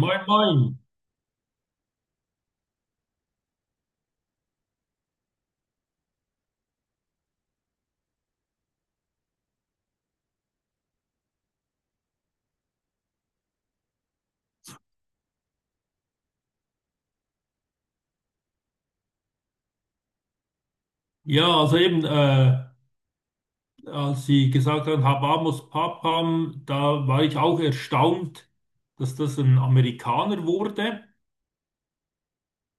Moin, moin. Ja, also eben, als Sie gesagt haben, Habamus Papam, da war ich auch erstaunt, dass das ein Amerikaner wurde.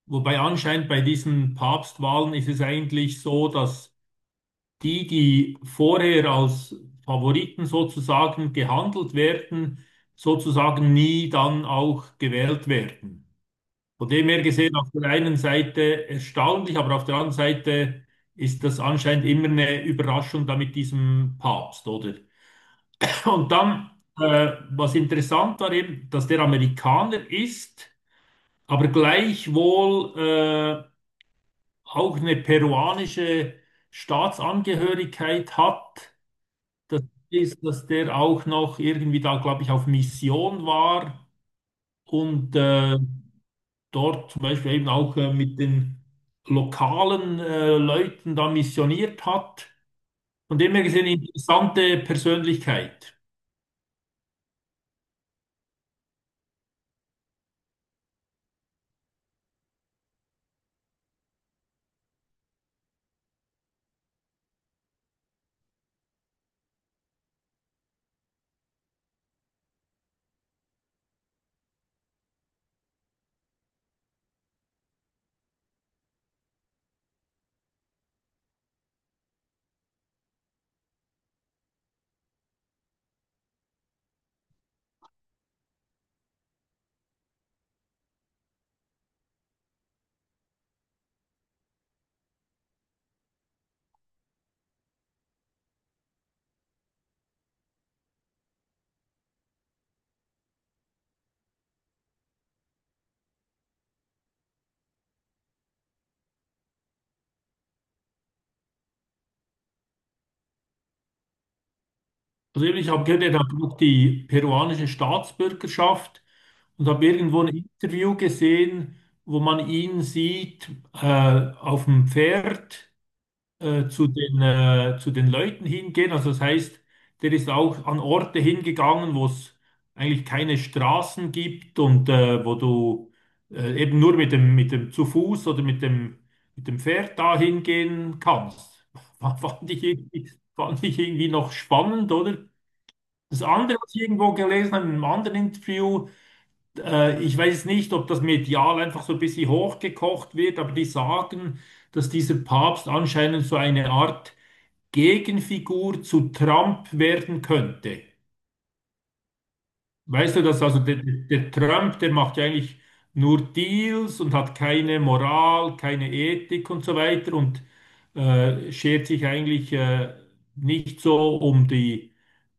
Wobei anscheinend bei diesen Papstwahlen ist es eigentlich so, dass die vorher als Favoriten sozusagen gehandelt werden, sozusagen nie dann auch gewählt werden. Von dem her gesehen, auf der einen Seite erstaunlich, aber auf der anderen Seite ist das anscheinend immer eine Überraschung da mit diesem Papst, oder? Und dann, was interessant war eben, dass der Amerikaner ist, aber gleichwohl auch eine peruanische Staatsangehörigkeit hat. Das ist, dass der auch noch irgendwie da, glaube ich, auf Mission war und dort zum Beispiel eben auch mit den lokalen Leuten da missioniert hat. Von dem her gesehen, eine interessante Persönlichkeit. Also eben, ich habe gehört, er hat auch die peruanische Staatsbürgerschaft und habe irgendwo ein Interview gesehen, wo man ihn sieht äh, auf dem Pferd. Zu zu den Leuten hingehen. Also das heißt, der ist auch an Orte hingegangen, wo es eigentlich keine Straßen gibt und wo du eben nur mit mit dem zu Fuß oder mit mit dem Pferd da hingehen kannst. Fand ich irgendwie noch spannend, oder? Das andere, was ich irgendwo gelesen habe, in einem anderen Interview, ich weiß nicht, ob das medial einfach so ein bisschen hochgekocht wird, aber die sagen, dass dieser Papst anscheinend so eine Art Gegenfigur zu Trump werden könnte. Weißt du das? Also der Trump, der macht ja eigentlich nur Deals und hat keine Moral, keine Ethik und so weiter und schert sich eigentlich nicht so um die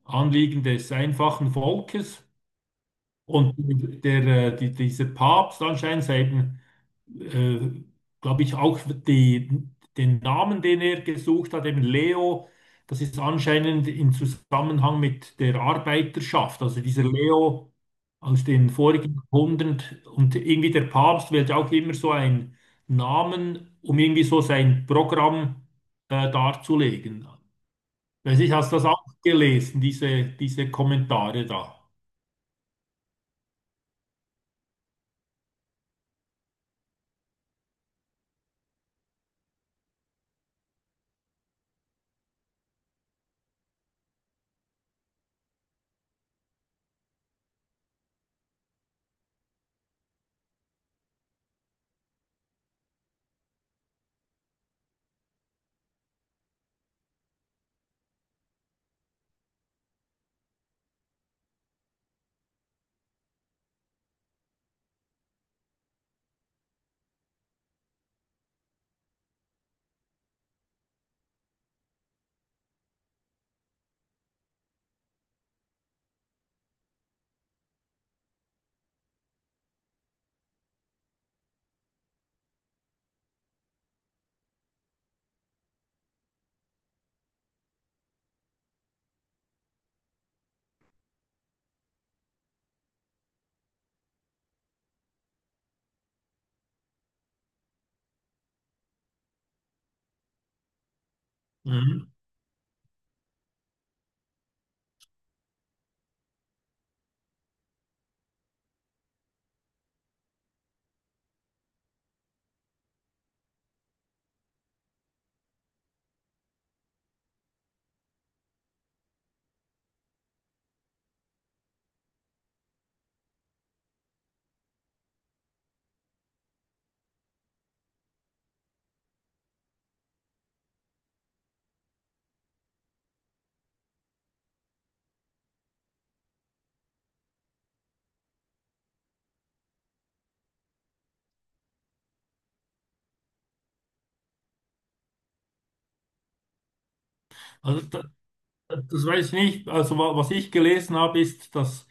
Anliegen des einfachen Volkes. Und dieser Papst anscheinend, eben, äh, glaube ich, auch die, den Namen, den er gesucht hat, eben Leo, das ist anscheinend im Zusammenhang mit der Arbeiterschaft. Also dieser Leo aus den vorigen Jahrhundert und irgendwie der Papst wählt ja auch immer so einen Namen, um irgendwie so sein Programm darzulegen. Weiß ich, hast du das auch gelesen, diese Kommentare da? Mhm. Also, das weiß ich nicht. Also was ich gelesen habe, ist, dass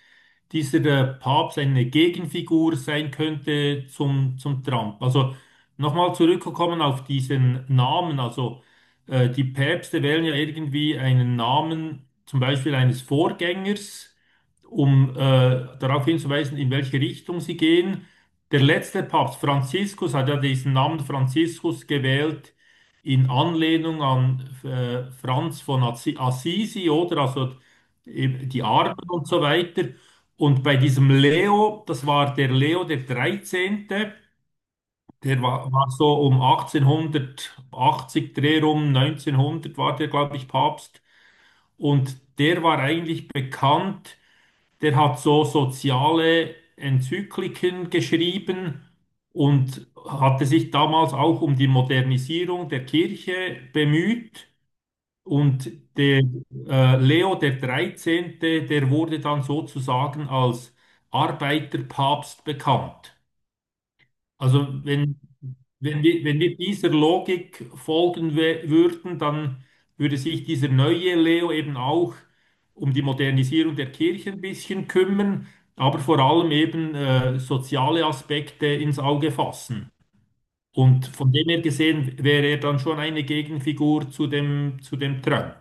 dieser Papst eine Gegenfigur sein könnte zum Trump. Also nochmal zurückgekommen auf diesen Namen. Also die Päpste wählen ja irgendwie einen Namen, zum Beispiel eines Vorgängers, um darauf hinzuweisen, in welche Richtung sie gehen. Der letzte Papst, Franziskus, hat ja diesen Namen Franziskus gewählt in Anlehnung an Franz von Assisi, oder? Also eben die Armen und so weiter. Und bei diesem Leo, das war der Leo der dreizehnte, der war, war so um 1880 Dreh rum, 1900 war der, glaube ich, Papst. Und der war eigentlich bekannt, der hat so soziale Enzykliken geschrieben und hatte sich damals auch um die Modernisierung der Kirche bemüht. Und der Leo der dreizehnte, der wurde dann sozusagen als Arbeiterpapst bekannt. Also wenn, wenn wir dieser Logik folgen würden, dann würde sich dieser neue Leo eben auch um die Modernisierung der Kirche ein bisschen kümmern, aber vor allem eben soziale Aspekte ins Auge fassen. Und von dem her gesehen wäre er dann schon eine Gegenfigur zu zu dem Trump.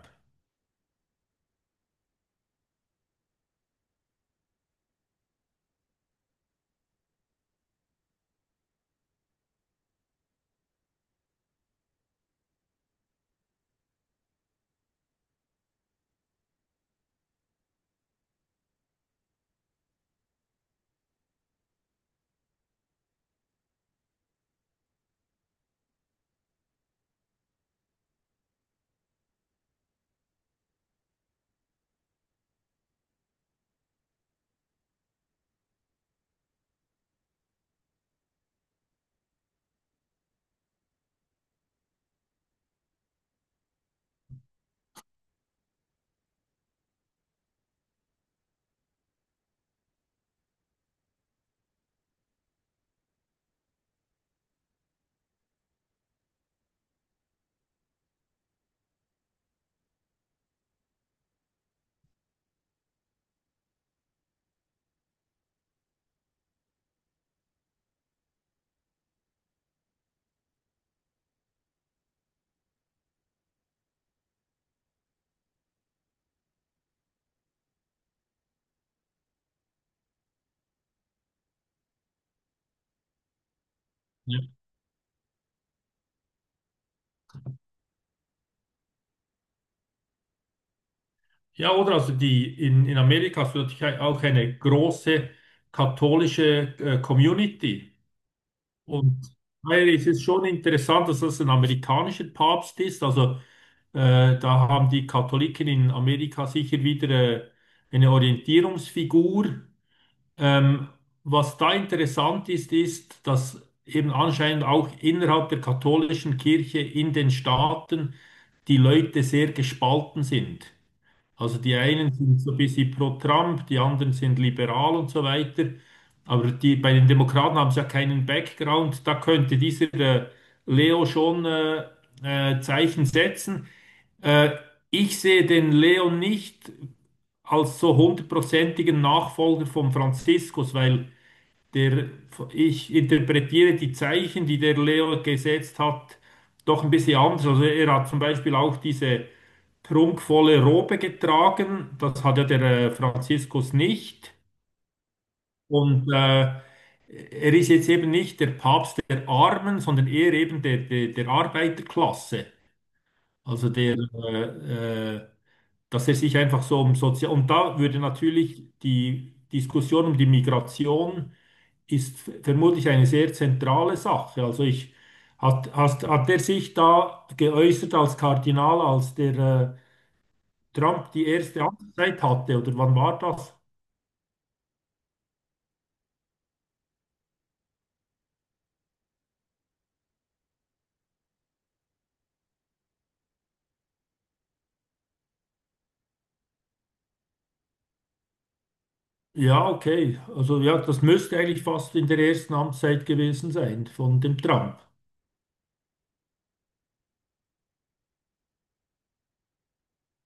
Ja, Ja, oder? Also in Amerika ist natürlich auch eine große katholische Community. Und daher ist es schon interessant, dass das ein amerikanischer Papst ist. Also da haben die Katholiken in Amerika sicher wieder eine Orientierungsfigur. Ähm, was da interessant ist, ist, dass eben anscheinend auch innerhalb der katholischen Kirche in den Staaten die Leute sehr gespalten sind. Also die einen sind so ein bisschen pro Trump, die anderen sind liberal und so weiter. Aber die, bei den Demokraten haben sie ja keinen Background. Da könnte dieser Leo schon Zeichen setzen. Äh, ich sehe den Leo nicht als so hundertprozentigen Nachfolger von Franziskus, weil der, ich interpretiere die Zeichen, die der Leo gesetzt hat, doch ein bisschen anders. Also er hat zum Beispiel auch diese prunkvolle Robe getragen, das hat ja der Franziskus nicht. Und er ist jetzt eben nicht der Papst der Armen, sondern eher eben der Arbeiterklasse. Also dass er sich einfach so um Sozial... Und da würde natürlich die Diskussion um die Migration ist vermutlich eine sehr zentrale Sache. Also hat er sich da geäußert als Kardinal, als der Trump die erste Amtszeit hatte, oder wann war das? Ja, okay. Also ja, das müsste eigentlich fast in der ersten Amtszeit gewesen sein von dem Trump.